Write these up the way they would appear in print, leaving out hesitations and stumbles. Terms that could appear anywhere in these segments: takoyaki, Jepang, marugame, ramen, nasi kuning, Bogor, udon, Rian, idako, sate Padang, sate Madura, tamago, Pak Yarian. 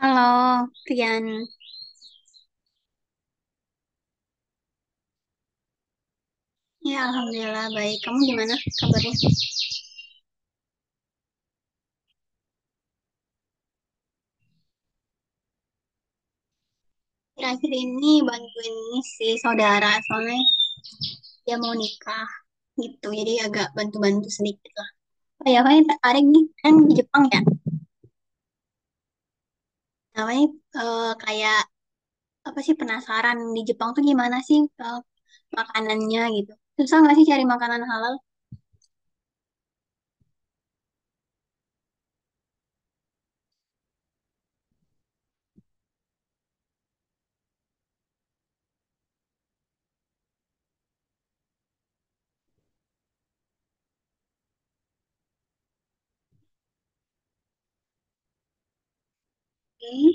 Halo, Rian. Ya, alhamdulillah baik. Kamu gimana kabarnya? Akhir-akhir ini bantuin ini si saudara, soalnya dia mau nikah gitu. Jadi agak bantu-bantu sedikit lah. Oh ya, paling tertarik nih, kan di Jepang ya. Namanya kayak apa sih, penasaran di Jepang tuh gimana sih, makanannya gitu. Susah nggak sih cari makanan halal? Hmm,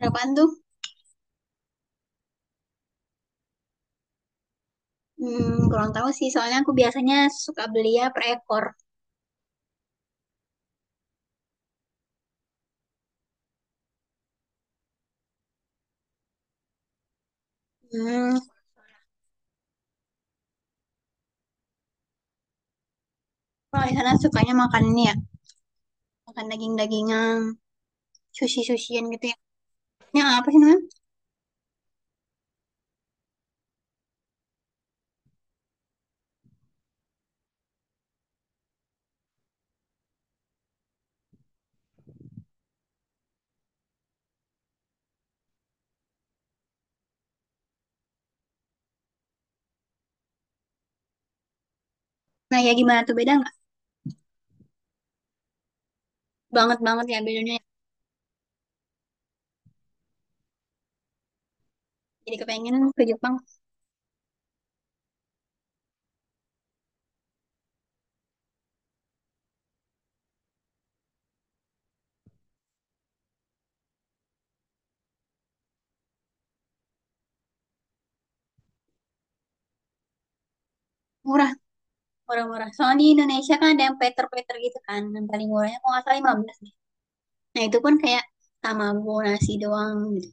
berapaan tuh? Hmm, kurang tahu sih. Soalnya aku biasanya suka beli ya per ekor. Hmm, kalau di sana sukanya makan ini ya, makan daging-dagingan, sushi-sushian gitu ya. Nah, apa sih namanya? Nah, ya gimana tuh, beda nggak? Banget banget ya bedanya. Jadi kepengen ke Jepang. Murah, murah-murah. Soalnya di Indonesia kan ada yang plater-plater gitu kan. Yang paling murahnya kalau nggak salah 15 deh. Nah, itu pun kayak tamago nasi doang gitu.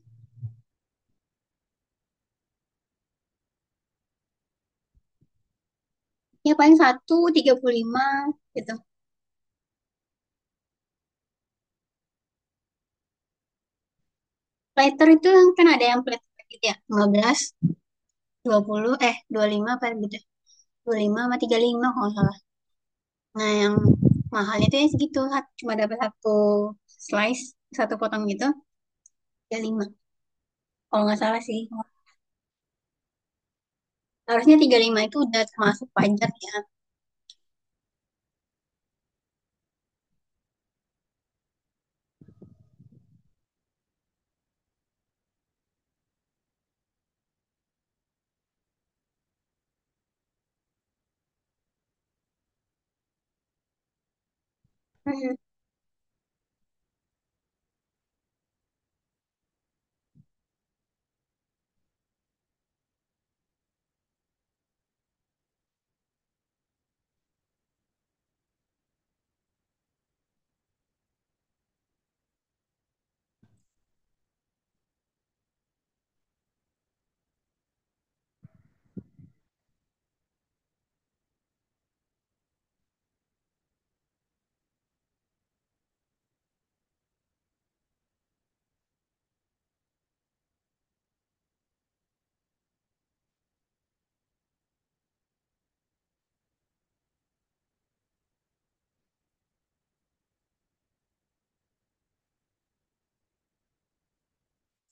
Ya paling satu 35 gitu. Plater itu yang kan ada yang plater gitu ya. Lima belas, dua puluh, 25 apa gitu. Dua lima sama tiga lima kalau nggak salah. Nah, yang mahalnya itu ya segitu. Cuma dapat satu slice, satu potong gitu, tiga lima. Kalau nggak salah sih. Harusnya 35 itu udah termasuk pajak ya. Mm.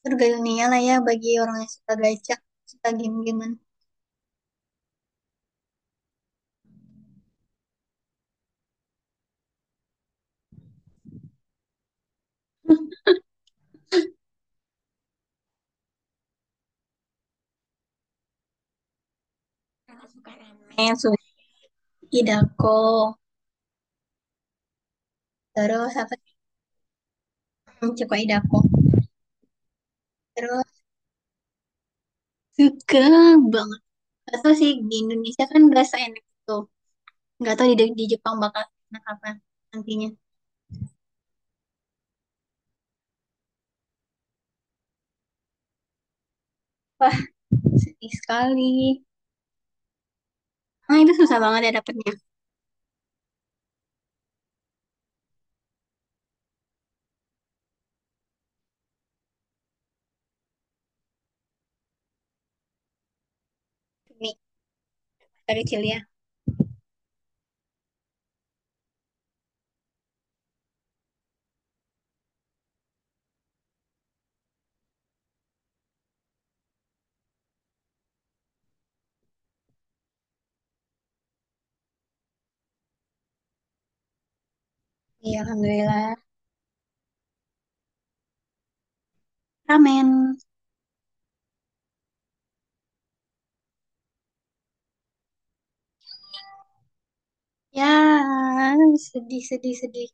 Surga dunia lah ya bagi orang yang suka gacak, suka game-gamean. Karena suka ramen. Eh. Terus apa sih? Hmm, suka idako. Terus suka banget. Gak tau sih, di Indonesia kan gak seenak itu. Gak tau di Jepang bakal enak apa nantinya. Wah, sedih sekali. Nah, itu susah banget ya dapetnya. Nih, dari kecil ya. Iya, Alhamdulillah. Ramen. Ya, sedih, sedih, sedih.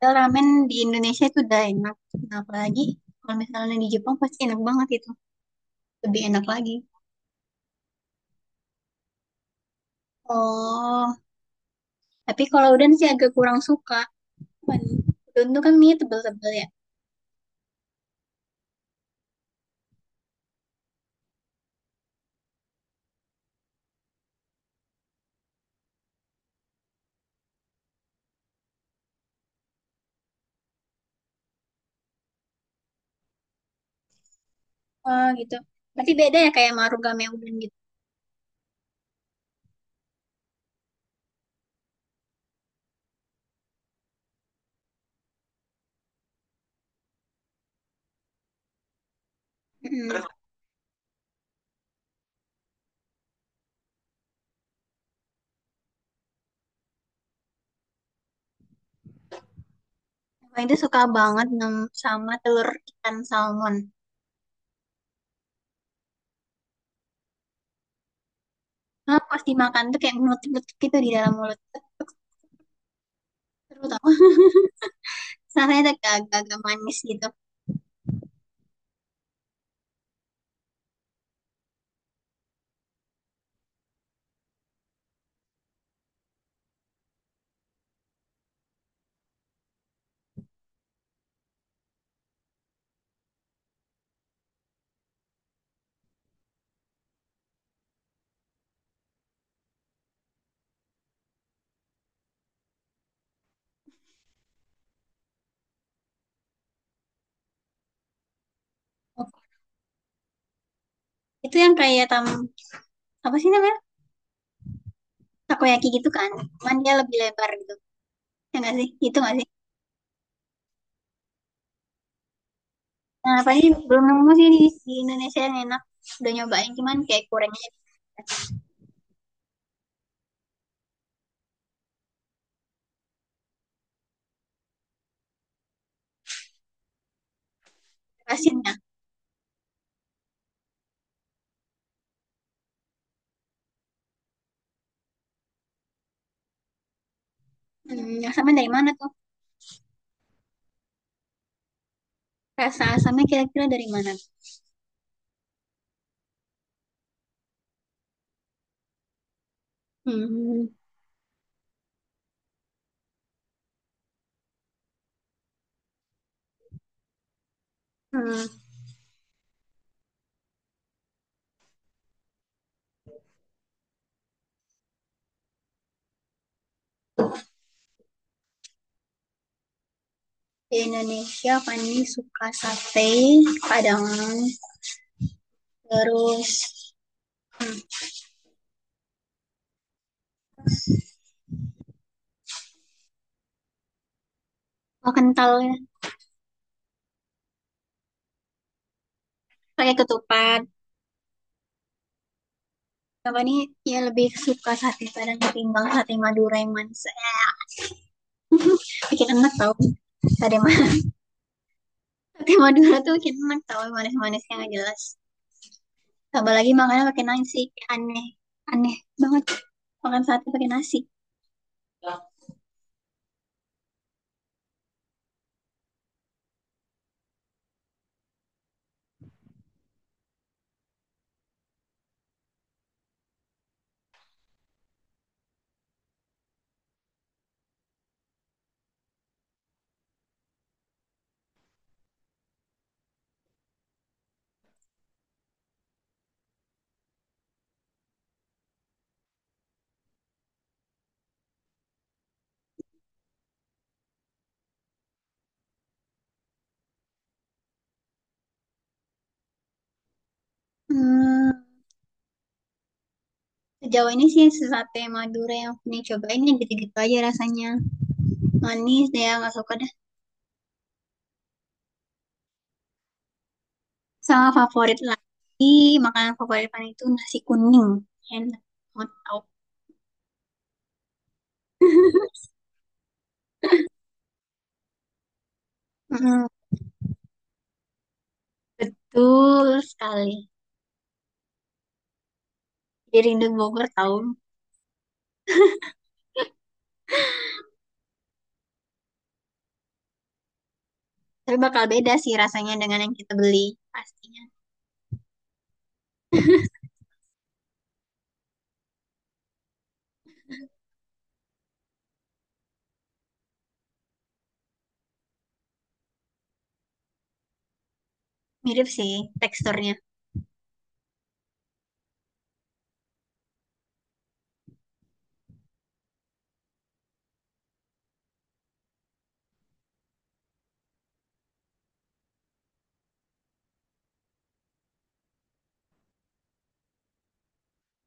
Padahal ramen di Indonesia itu udah enak. Kenapa lagi? Kalau misalnya di Jepang pasti enak banget itu. Lebih enak lagi. Oh, tapi kalau udon sih agak kurang suka. Cuman udon tuh kan mie tebel-tebel ya. Oh gitu. Berarti beda ya kayak marugame udon gitu. Mm. Aku itu suka banget sama telur ikan salmon. Nah, pas dimakan tuh kayak menutup-nutup gitu di dalam mulut. Tek-tek, seru tau. Rasanya tuh kayak agak-agag manis gitu. Itu yang kayak apa sih namanya? Takoyaki gitu kan. Cuman dia lebih lebar gitu. Ya nggak sih? Itu nggak sih? Nah, paling belum nemu sih di Indonesia yang enak. Udah nyobain, cuman kayak kurangnya asinnya. Hmm, yang sama dari mana tuh? Rasa asamnya kira-kira dari mana? Hmm. Hmm. Di Indonesia Fani suka sate, Padang, terus oh, kental ya, pakai ketupat. Apa nih? Ya lebih suka sate Padang ketimbang sate Madura yang manis. Bikin enak tau sate Madura. Sate Madura tuh bikin enak tau, manis-manisnya nggak jelas. Tambah lagi makanan pakai nasi, kayak aneh, aneh banget makan sate pakai nasi. Hmm, sejauh ini sih sate Madura yang pernah cobain yang gitu-gitu aja rasanya. Manis deh, nggak suka dah. Sama favorit lagi, makanan favorit pan itu nasi kuning. Enak banget tau. Mm, betul sekali. Jadi rindu Bogor tahu. Tapi bakal beda sih rasanya dengan yang kita beli. Pastinya. Mirip sih teksturnya.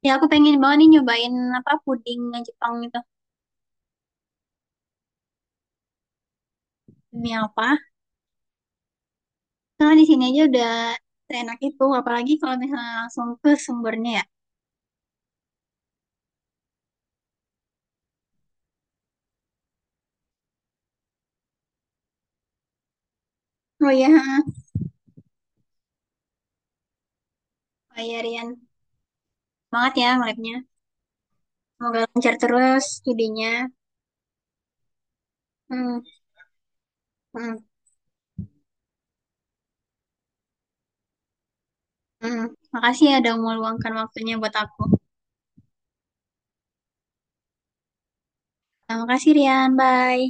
Ya aku pengen banget nih nyobain apa puding Jepang itu. Demi apa? Karena di sini aja udah seenak itu, apalagi kalau misalnya langsung ke sumbernya ya. Oh ya, Pak Yarian, semangat ya ngelabnya. Semoga lancar terus studinya. Hmm, hmm, hmm. Makasih ya udah meluangkan waktunya buat aku. Nah, makasih Rian, bye.